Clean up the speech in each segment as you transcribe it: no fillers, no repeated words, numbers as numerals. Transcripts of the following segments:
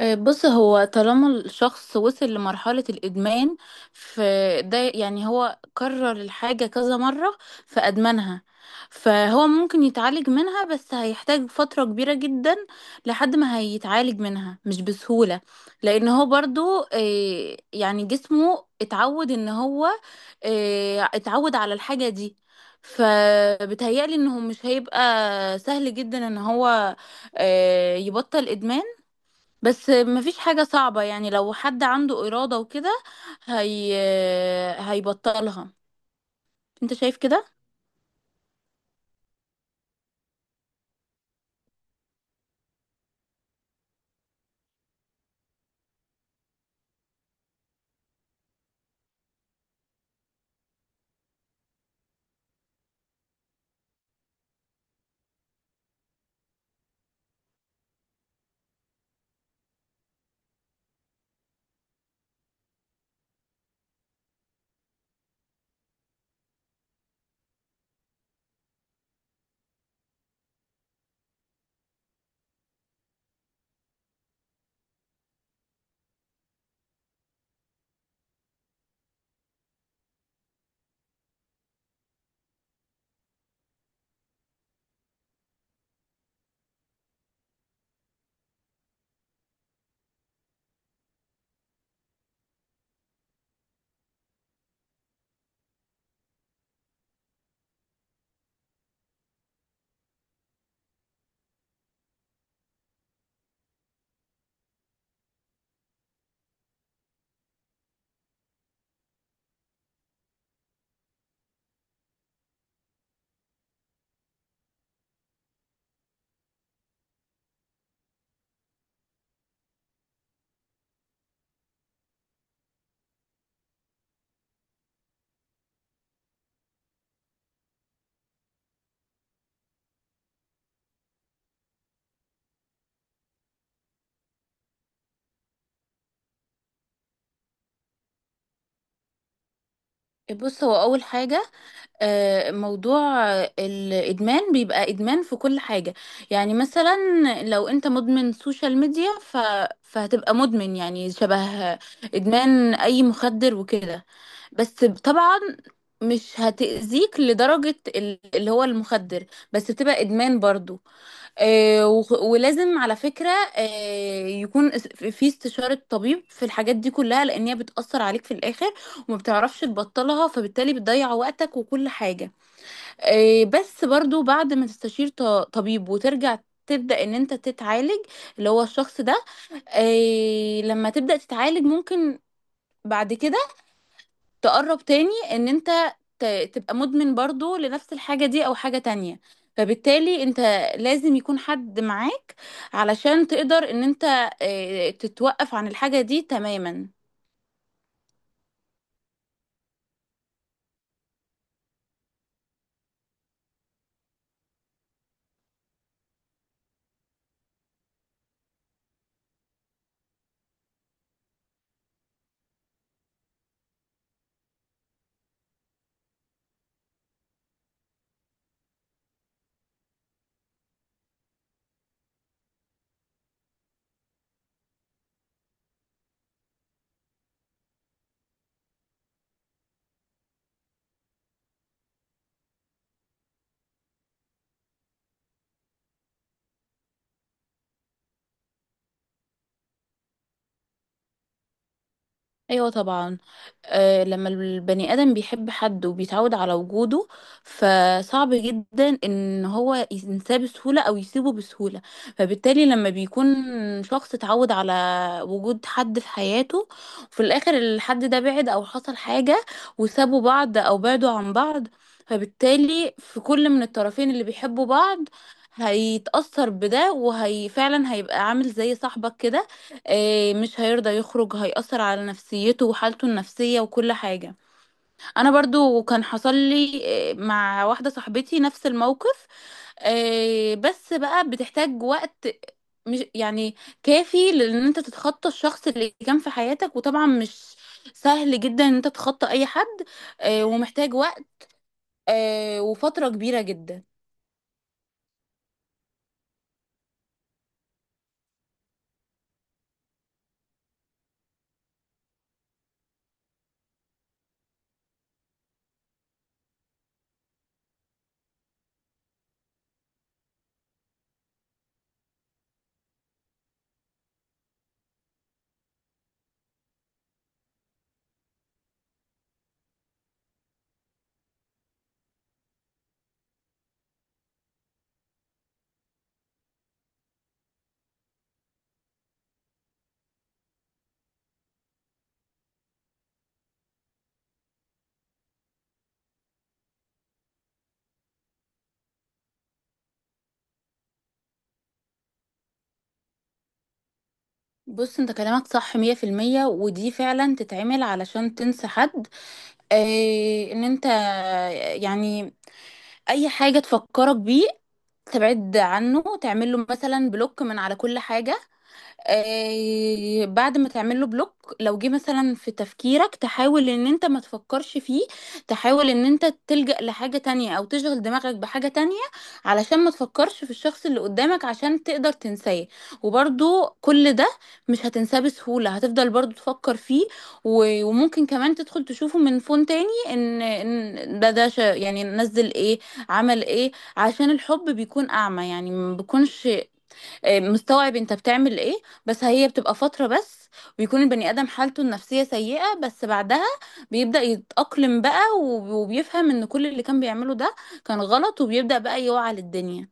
بص، هو طالما الشخص وصل لمرحلة الإدمان فده يعني هو كرر الحاجة كذا مرة فأدمنها. فهو ممكن يتعالج منها بس هيحتاج فترة كبيرة جدا لحد ما هيتعالج منها، مش بسهولة. لأن هو برضو يعني جسمه اتعود إن هو اتعود على الحاجة دي. فبتهيألي إنه مش هيبقى سهل جدا إن هو يبطل إدمان. بس مفيش حاجة صعبة، يعني لو حد عنده إرادة وكده هي هيبطلها. انت شايف كده. بص، هو أول حاجة موضوع الإدمان بيبقى إدمان في كل حاجة. يعني مثلا لو انت مدمن سوشيال ميديا فهتبقى مدمن، يعني شبه إدمان أي مخدر وكده. بس طبعا مش هتأذيك لدرجة اللي هو المخدر، بس تبقى إدمان برضو. ولازم على فكرة يكون في استشارة طبيب في الحاجات دي كلها، لأن هي بتأثر عليك في الآخر وما بتعرفش تبطلها، فبالتالي بتضيع وقتك وكل حاجة. بس برضو بعد ما تستشير طبيب وترجع تبدأ ان انت تتعالج، اللي هو الشخص ده. لما تبدأ تتعالج ممكن بعد كده تقرب تاني ان انت تبقى مدمن برضو لنفس الحاجة دي او حاجة تانية. فبالتالي انت لازم يكون حد معاك علشان تقدر ان انت تتوقف عن الحاجة دي تماما. ايوه طبعا، آه، لما البني ادم بيحب حد وبيتعود على وجوده فصعب جدا ان هو ينساه بسهوله او يسيبه بسهوله. فبالتالي لما بيكون شخص اتعود على وجود حد في حياته، وفي الاخر الحد ده بعد او حصل حاجه وسابوا بعض او بعدوا عن بعض، فبالتالي في كل من الطرفين اللي بيحبوا بعض هيتأثر بده، وهي فعلا هيبقى عامل زي صاحبك كده. مش هيرضى يخرج، هيأثر على نفسيته وحالته النفسية وكل حاجة. انا برضو كان حصل لي مع واحدة صاحبتي نفس الموقف. بس بقى بتحتاج وقت، مش يعني كافي لان انت تتخطى الشخص اللي كان في حياتك، وطبعا مش سهل جدا ان انت تتخطى اي حد. ومحتاج وقت وفترة كبيرة جدا. بص، انت كلامك صح مية في المية، ودي فعلا تتعمل علشان تنسى حد. إيه، ان انت يعني اي حاجة تفكرك بيه تبعد عنه، تعمل له مثلا بلوك من على كل حاجة. بعد ما تعمل له بلوك لو جه مثلا في تفكيرك تحاول ان انت ما تفكرش فيه، تحاول ان انت تلجأ لحاجة تانية او تشغل دماغك بحاجة تانية علشان ما تفكرش في الشخص اللي قدامك، عشان تقدر تنساه. وبرضو كل ده مش هتنساه بسهولة، هتفضل برضو تفكر فيه. و- وممكن كمان تدخل تشوفه من فون تاني ان إن ده ده ش- يعني نزل ايه، عمل ايه. عشان الحب بيكون اعمى، يعني ما بيكونش مستوعب انت بتعمل ايه. بس هي بتبقى فترة بس، ويكون البني ادم حالته النفسية سيئة، بس بعدها بيبدأ يتأقلم بقى وب- وبيفهم ان كل اللي كان بيعمله ده كان غلط، وبيبدأ بقى يوعى للدنيا.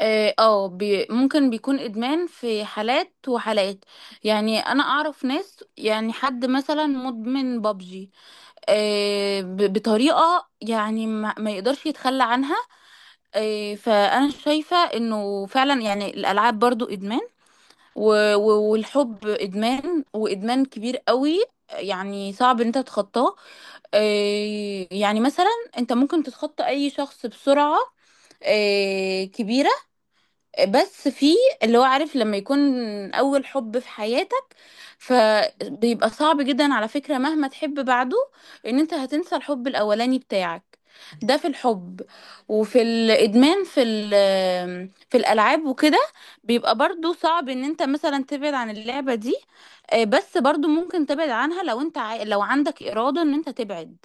اه آه، بي ممكن بيكون ادمان في حالات وحالات. يعني انا اعرف ناس، يعني حد مثلا مدمن بابجي بطريقة يعني ما يقدرش يتخلى عنها. آه، فانا شايفة انه فعلا يعني الالعاب برضو ادمان، و- و- والحب ادمان، وادمان كبير قوي. يعني صعب ان انت تتخطاه. يعني مثلا انت ممكن تتخطى اي شخص بسرعة كبيرة، بس في اللي هو عارف لما يكون اول حب في حياتك فبيبقى صعب جدا على فكرة، مهما تحب بعده ان انت هتنسى الحب الاولاني بتاعك. ده في الحب. وفي الادمان في في الالعاب وكده بيبقى برضو صعب ان انت مثلا تبعد عن اللعبة دي. بس برضو ممكن تبعد عنها لو انت لو عندك إرادة ان انت تبعد.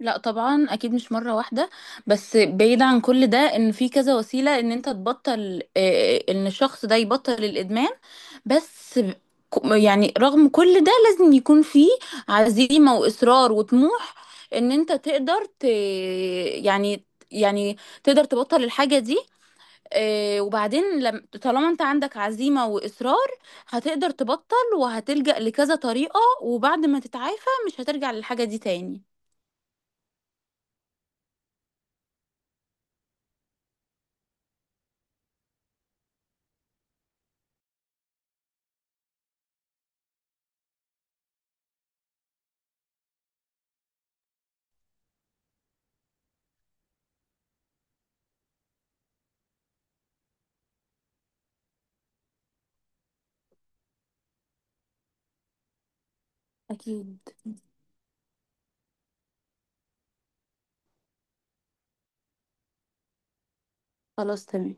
لا طبعا، اكيد مش مره واحده. بس بعيد عن كل ده، ان في كذا وسيله ان انت تبطل، ان الشخص ده يبطل الادمان. بس يعني رغم كل ده لازم يكون في عزيمه واصرار وطموح ان انت يعني يعني تقدر تبطل الحاجه دي. آه، وبعدين لم... طالما انت عندك عزيمه واصرار هتقدر تبطل، وهتلجأ لكذا طريقه، وبعد ما تتعافى مش هترجع للحاجه دي تاني. أكيد. خلاص، تمام.